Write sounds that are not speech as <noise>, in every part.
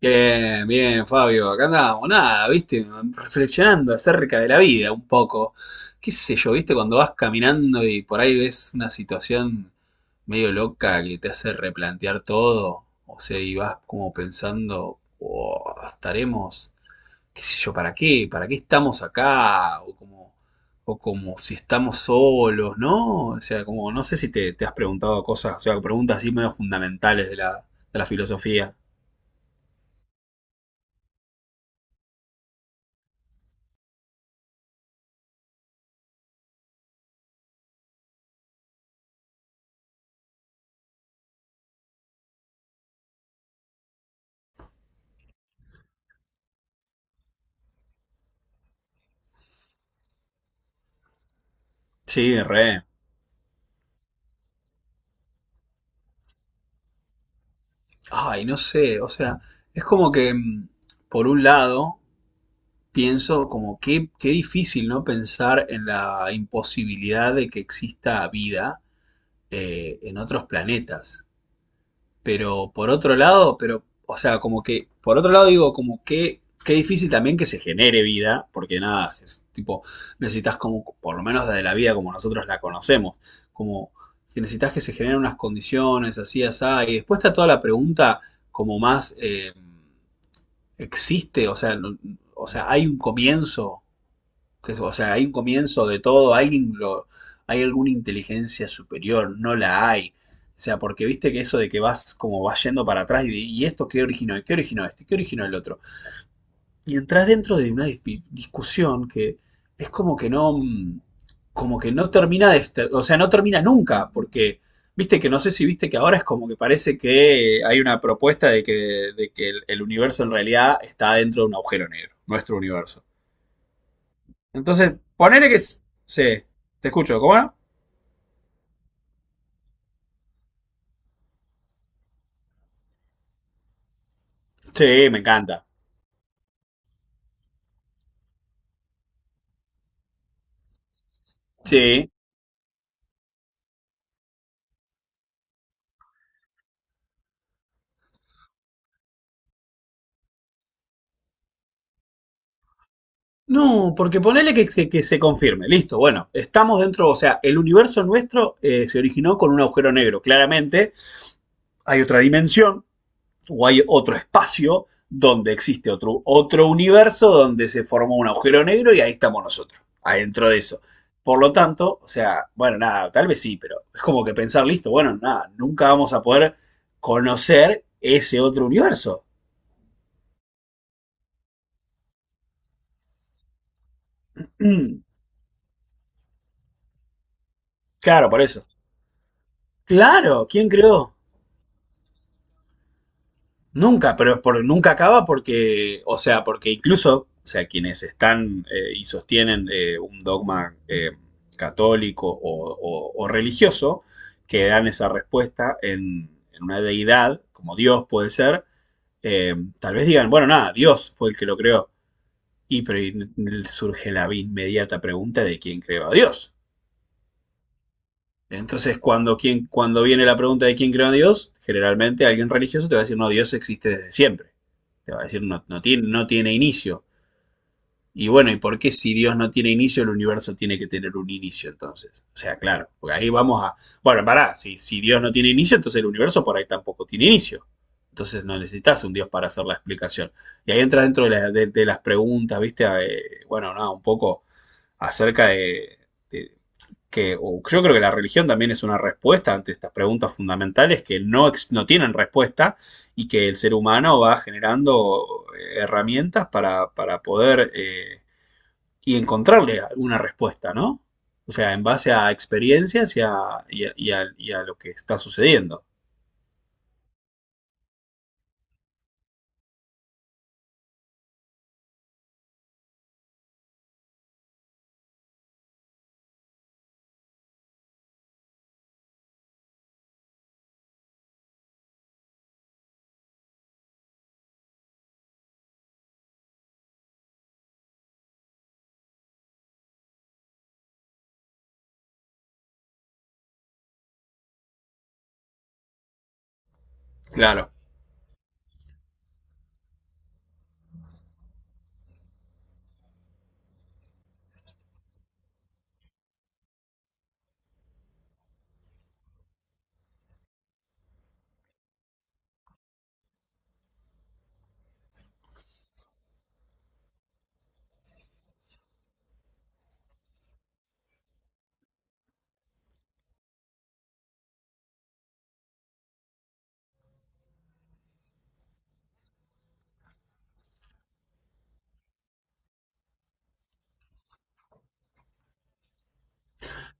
Bien, bien, Fabio. Acá andábamos, nada, viste, reflexionando acerca de la vida un poco. Qué sé yo, viste, cuando vas caminando y por ahí ves una situación medio loca que te hace replantear todo. O sea, y vas como pensando, "Oh, estaremos, qué sé yo, ¿para qué? ¿Para qué estamos acá? O como si estamos solos, ¿no? O sea, como, no sé si te has preguntado cosas, o sea, preguntas así medio fundamentales de la filosofía. Sí, re. Ay, no sé, o sea, es como que, por un lado, pienso como qué, qué difícil, ¿no? Pensar en la imposibilidad de que exista vida en otros planetas. Pero por otro lado, pero, o sea, como que, por otro lado digo, como que, qué difícil también que se genere vida, porque nada, es tipo, necesitas como, por lo menos desde la vida como nosotros la conocemos, como que necesitas que se generen unas condiciones así, así, y después está toda la pregunta como más, ¿existe? O sea, o sea, ¿hay un comienzo? Que, o sea, hay un comienzo de todo, alguien lo, hay alguna inteligencia superior, no la hay. O sea, porque viste que eso de que vas como vas yendo para atrás y, y esto qué originó esto, qué originó el otro. Y entras dentro de una discusión que es como que no, como que no termina de, o sea, no termina nunca, porque viste que no sé si viste que ahora es como que parece que hay una propuesta de que el universo en realidad está dentro de un agujero negro, nuestro universo. Entonces, ponele que. Sí, te escucho, ¿cómo era? Sí, me encanta. Sí. No, porque ponele que, que se confirme. Listo, bueno, estamos dentro, o sea, el universo nuestro se originó con un agujero negro. Claramente hay otra dimensión o hay otro espacio donde existe otro universo donde se formó un agujero negro y ahí estamos nosotros, adentro de eso. Por lo tanto, o sea, bueno, nada, tal vez sí, pero es como que pensar, listo, bueno, nada, nunca vamos a poder conocer ese otro universo. Mm, claro, por eso. Claro, ¿quién creó? Nunca, pero es por, nunca acaba porque, o sea, porque incluso, o sea, quienes están y sostienen un dogma católico o, o religioso, que dan esa respuesta en una deidad, como Dios puede ser, eh, tal vez digan, bueno, nada, Dios fue el que lo creó. Y pero y surge la inmediata pregunta de quién creó a Dios. Entonces, cuando, quien, cuando viene la pregunta de quién creó a Dios, generalmente alguien religioso te va a decir, no, Dios existe desde siempre. Te va a decir, no, no, tiene, no tiene inicio. Y bueno, ¿y por qué si Dios no tiene inicio, el universo tiene que tener un inicio entonces? O sea, claro, porque ahí vamos a... Bueno, pará, si, si Dios no tiene inicio, entonces el universo por ahí tampoco tiene inicio. Entonces no necesitas un Dios para hacer la explicación. Y ahí entras dentro de las preguntas, ¿viste? Bueno, nada, no, un poco acerca de, que o yo creo que la religión también es una respuesta ante estas preguntas fundamentales que no, no tienen respuesta y que el ser humano va generando herramientas para poder y encontrarle alguna respuesta, ¿no? O sea, en base a experiencias y a, y a lo que está sucediendo. Claro.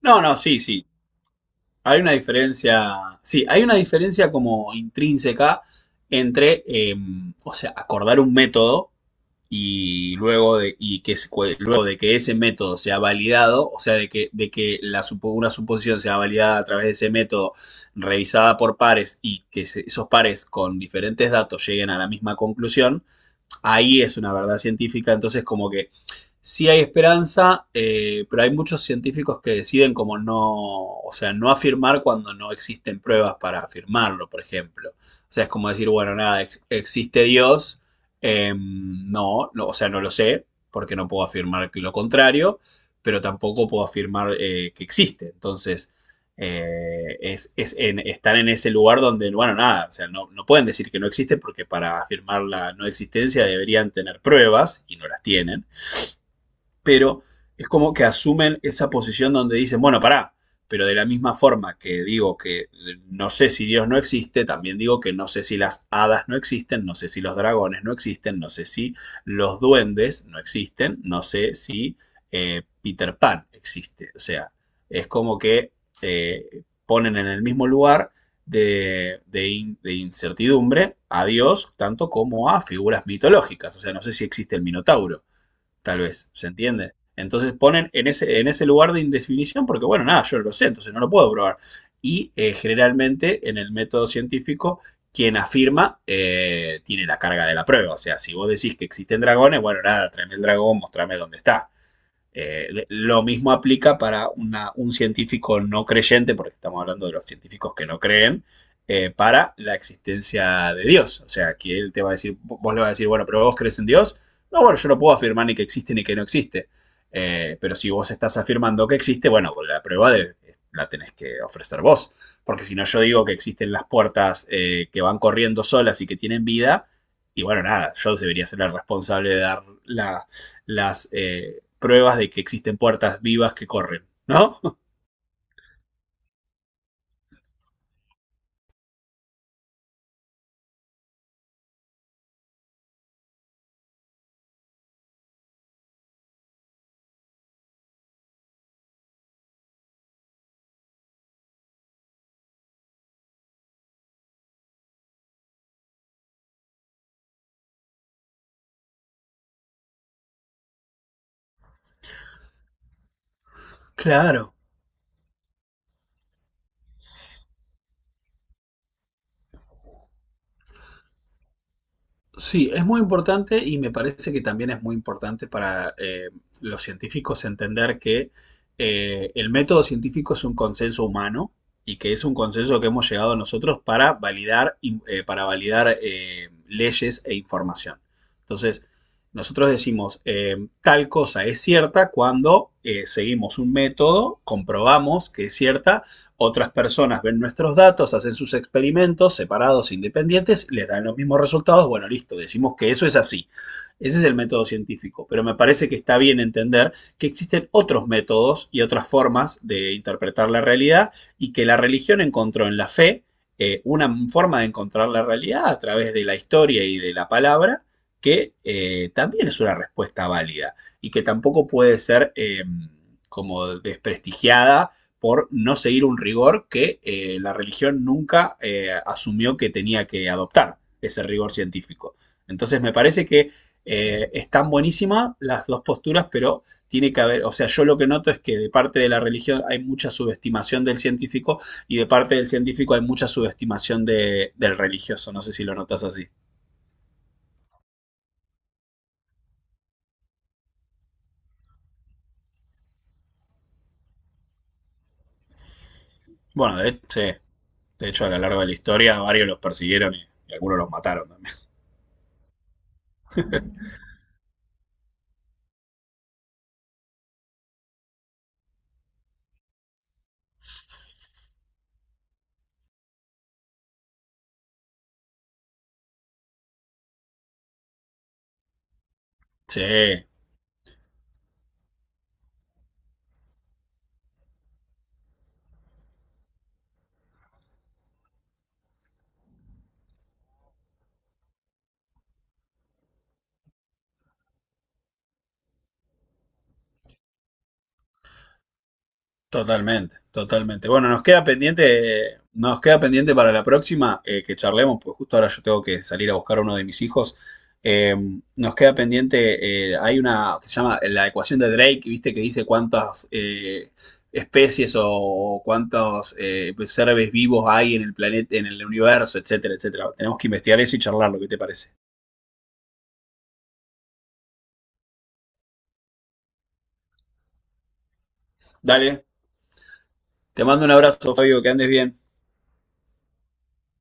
No, no, sí, sí. Hay una diferencia, sí, hay una diferencia como intrínseca entre, o sea, acordar un método y luego de, y que, luego de que ese método sea validado, o sea, de que la, una suposición sea validada a través de ese método, revisada por pares y que esos pares con diferentes datos lleguen a la misma conclusión, ahí es una verdad científica, entonces como que sí hay esperanza, pero hay muchos científicos que deciden como no, o sea, no afirmar cuando no existen pruebas para afirmarlo, por ejemplo. O sea, es como decir, bueno, nada, existe Dios, no, no, o sea, no lo sé, porque no puedo afirmar que lo contrario, pero tampoco puedo afirmar que existe. Entonces, es, están en ese lugar donde, bueno, nada, o sea, no, no pueden decir que no existe porque para afirmar la no existencia deberían tener pruebas y no las tienen pero es como que asumen esa posición donde dicen, bueno, pará, pero de la misma forma que digo que no sé si Dios no existe, también digo que no sé si las hadas no existen, no sé si los dragones no existen, no sé si los duendes no existen, no sé si Peter Pan existe. O sea, es como que ponen en el mismo lugar de, de incertidumbre a Dios, tanto como a figuras mitológicas. O sea, no sé si existe el Minotauro. Tal vez, ¿se entiende? Entonces ponen en ese lugar de indefinición porque, bueno, nada, yo no lo sé, entonces no lo puedo probar. Y generalmente en el método científico, quien afirma tiene la carga de la prueba. O sea, si vos decís que existen dragones, bueno, nada, tráeme el dragón, mostrame dónde está. Lo mismo aplica para un científico no creyente, porque estamos hablando de los científicos que no creen, para la existencia de Dios. O sea, que él te va a decir, vos le vas a decir, bueno, pero vos crees en Dios. No, bueno, yo no puedo afirmar ni que existe ni que no existe. Pero si vos estás afirmando que existe, bueno, la tenés que ofrecer vos. Porque si no, yo digo que existen las puertas que van corriendo solas y que tienen vida. Y bueno, nada, yo debería ser el responsable de dar la, las pruebas de que existen puertas vivas que corren, ¿no? <laughs> Claro. Sí, es muy importante y me parece que también es muy importante para los científicos entender que el método científico es un consenso humano y que es un consenso que hemos llegado nosotros para validar, para validar leyes e información. Entonces, nosotros decimos, tal cosa es cierta cuando seguimos un método, comprobamos que es cierta. Otras personas ven nuestros datos, hacen sus experimentos separados, independientes, les dan los mismos resultados. Bueno, listo, decimos que eso es así. Ese es el método científico. Pero me parece que está bien entender que existen otros métodos y otras formas de interpretar la realidad y que la religión encontró en la fe una forma de encontrar la realidad a través de la historia y de la palabra que también es una respuesta válida y que tampoco puede ser como desprestigiada por no seguir un rigor que la religión nunca asumió que tenía que adoptar, ese rigor científico. Entonces me parece que están buenísimas las dos posturas, pero tiene que haber, o sea, yo lo que noto es que de parte de la religión hay mucha subestimación del científico y de parte del científico hay mucha subestimación del religioso, no sé si lo notas así. Bueno, de, sí, de hecho a lo largo de la historia varios los persiguieron y algunos los mataron también. Sí, totalmente, totalmente. Bueno, nos queda pendiente para la próxima que charlemos, pues justo ahora yo tengo que salir a buscar a uno de mis hijos. Eh, nos queda pendiente, hay una que se llama la ecuación de Drake, viste que dice cuántas especies o cuántos pues, seres vivos hay en el planeta, en el universo, etcétera, etcétera. Tenemos que investigar eso y charlarlo, ¿qué te parece? Dale, te mando un abrazo, Fabio, que andes bien.